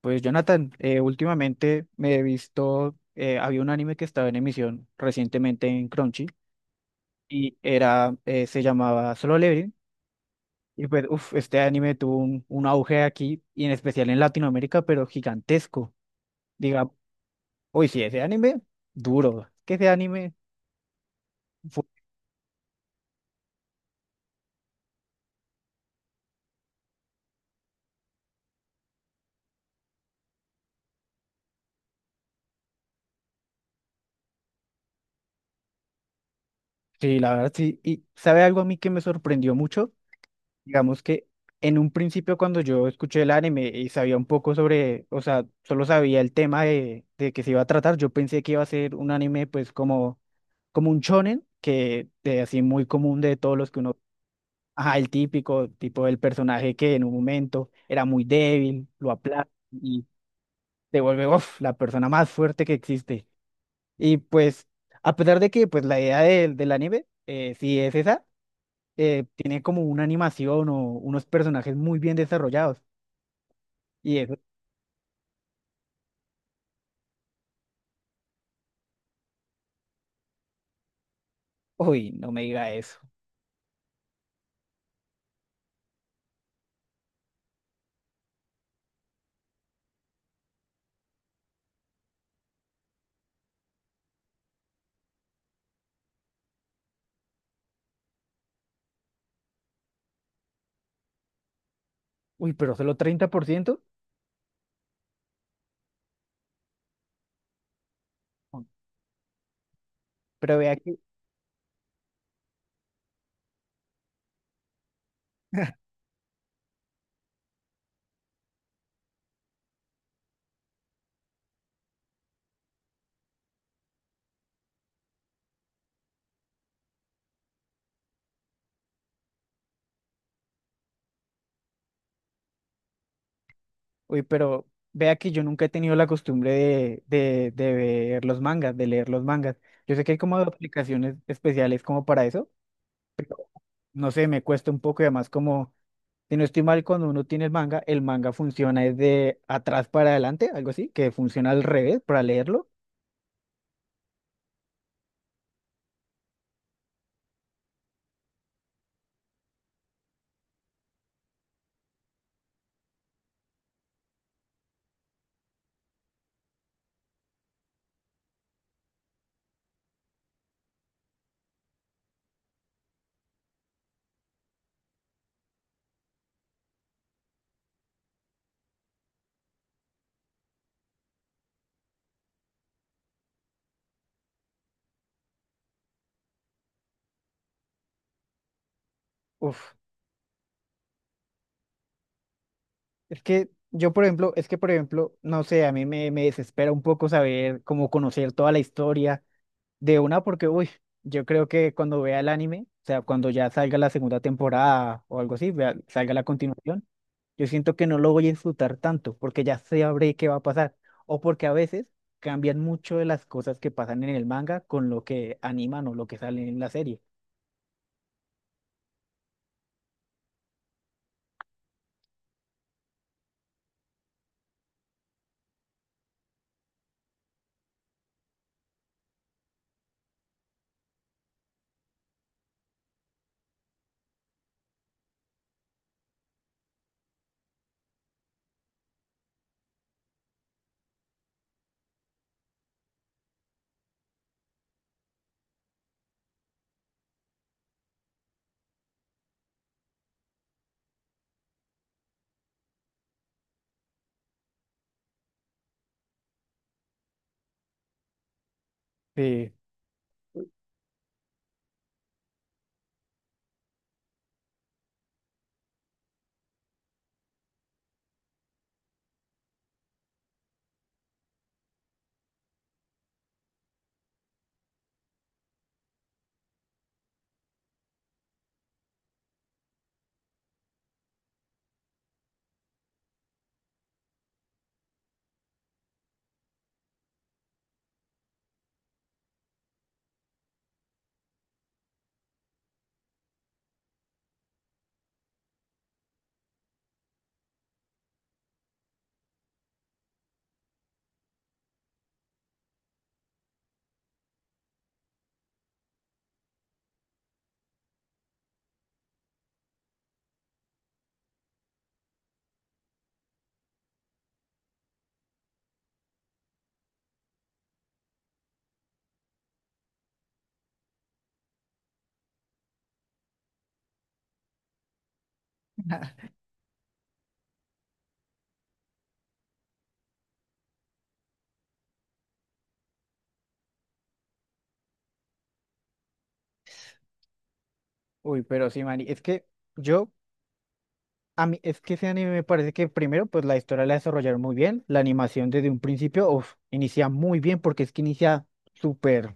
Pues Jonathan, últimamente me he visto, había un anime que estaba en emisión recientemente en Crunchy y era, se llamaba Solo Leveling. Y pues, uff, este anime tuvo un auge aquí y en especial en Latinoamérica, pero gigantesco. Diga, uy, sí, ese anime, duro. Que ese anime, fu- sí, la verdad, sí. Y sabe algo a mí que me sorprendió mucho. Digamos que en un principio cuando yo escuché el anime y sabía un poco sobre, o sea, solo sabía el tema de que se iba a tratar, yo pensé que iba a ser un anime pues como, como un shonen, que de así muy común de todos los que uno, ajá, el típico tipo del personaje que en un momento era muy débil, lo aplasta y se vuelve, uf, la persona más fuerte que existe. Y pues, a pesar de que pues la idea del anime, sí es esa, tiene como una animación o unos personajes muy bien desarrollados. Y eso, uy, no me diga eso. Uy, pero solo 30%. Pero vea que, uy, pero vea que yo nunca he tenido la costumbre de ver los mangas, de leer los mangas. Yo sé que hay como aplicaciones especiales como para eso, pero no sé, me cuesta un poco y además como, si no estoy mal, cuando uno tiene el manga funciona es de atrás para adelante, algo así, que funciona al revés para leerlo. Uf, es que yo, por ejemplo, es que, por ejemplo, no sé, a mí me desespera un poco saber cómo conocer toda la historia de una porque, uy, yo creo que cuando vea el anime, o sea, cuando ya salga la segunda temporada o algo así, salga la continuación, yo siento que no lo voy a disfrutar tanto porque ya sabré qué va a pasar. O porque a veces cambian mucho de las cosas que pasan en el manga con lo que animan o lo que sale en la serie. Sí, uy, pero sí, Mari, es que yo, a mí, es que ese anime me parece que primero, pues la historia la desarrollaron muy bien, la animación desde un principio, uf, inicia muy bien porque es que inicia súper. O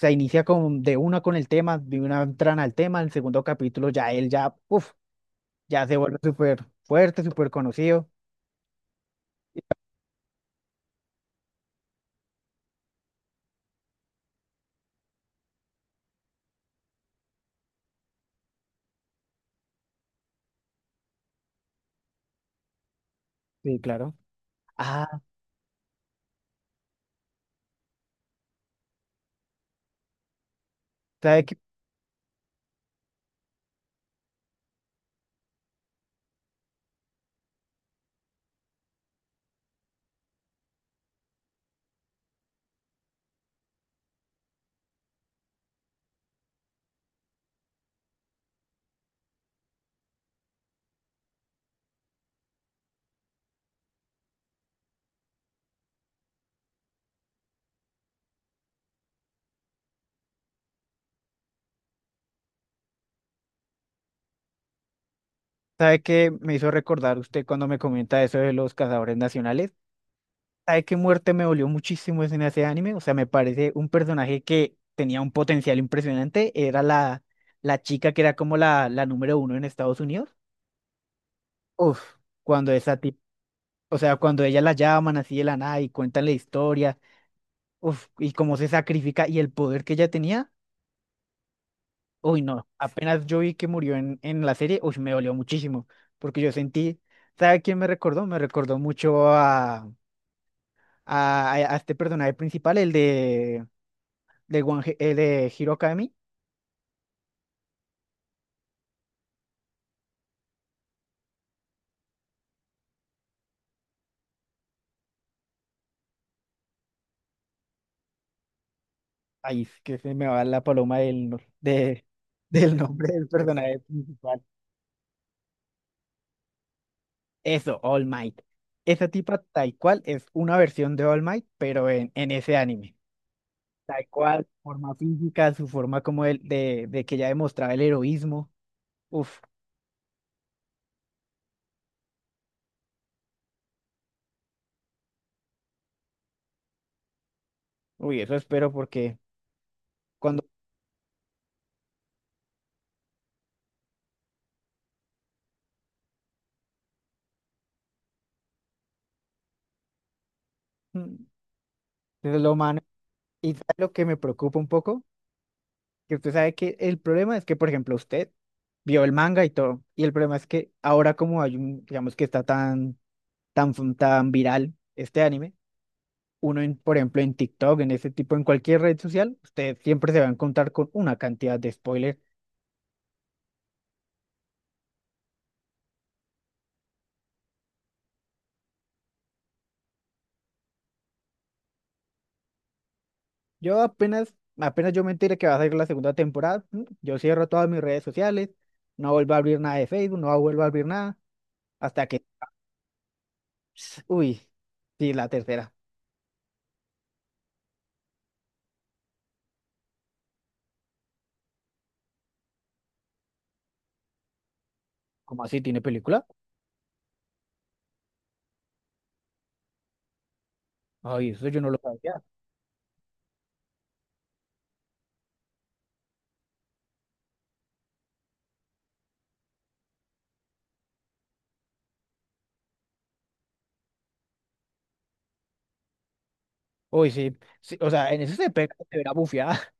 sea, inicia con, de una con el tema, de una entran al tema, el segundo capítulo ya él ya, uff, ya se vuelve súper fuerte, súper conocido. Sí, claro. Ah, ¿sabe qué, sabe qué me hizo recordar usted cuando me comenta eso de los cazadores nacionales? ¿Sabe qué muerte me dolió muchísimo en ese anime? O sea, me parece un personaje que tenía un potencial impresionante. Era la, la chica que era como la número uno en Estados Unidos. Uf, cuando esa tip, o sea, cuando ella la llaman así de la nada y cuentan la historia. Uf, y cómo se sacrifica y el poder que ella tenía, uy, no, apenas yo vi que murió en la serie, uy, me dolió muchísimo, porque yo sentí, ¿sabe a quién me recordó? Me recordó mucho a este personaje principal, el de, el de Hero Academy, ahí es que se me va la paloma del, del nombre del personaje principal. Eso, All Might. Esa tipa tal cual es una versión de All Might, pero en ese anime. Tal cual, forma física, su forma como el, de que ya demostraba el heroísmo. Uf, uy, eso espero porque cuando mm, eso es lo humano. Y ¿sabe lo que me preocupa un poco, que usted sabe que el problema es que, por ejemplo, usted vio el manga y todo, y el problema es que ahora como hay un, digamos que está tan, tan, tan viral este anime, uno, en, por ejemplo, en TikTok, en ese tipo, en cualquier red social, usted siempre se va a encontrar con una cantidad de spoilers. Yo apenas, apenas yo me entere que va a salir la segunda temporada, mm, yo cierro todas mis redes sociales, no vuelvo a abrir nada de Facebook, no vuelvo a abrir nada, hasta que, ps, uy, sí, la tercera. ¿Cómo así tiene película? Ay, eso yo no lo sabía. Uy, sí, sí, o sea, en eso se pega, se verá bufiada.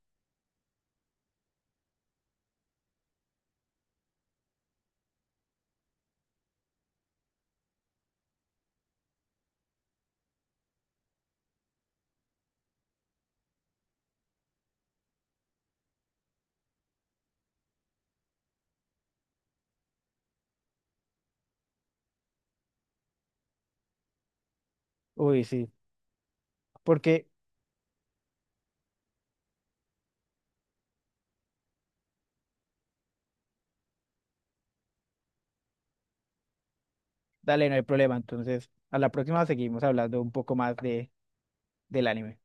Uy, sí, porque, dale, no hay problema. Entonces, a la próxima seguimos hablando un poco más de, del anime.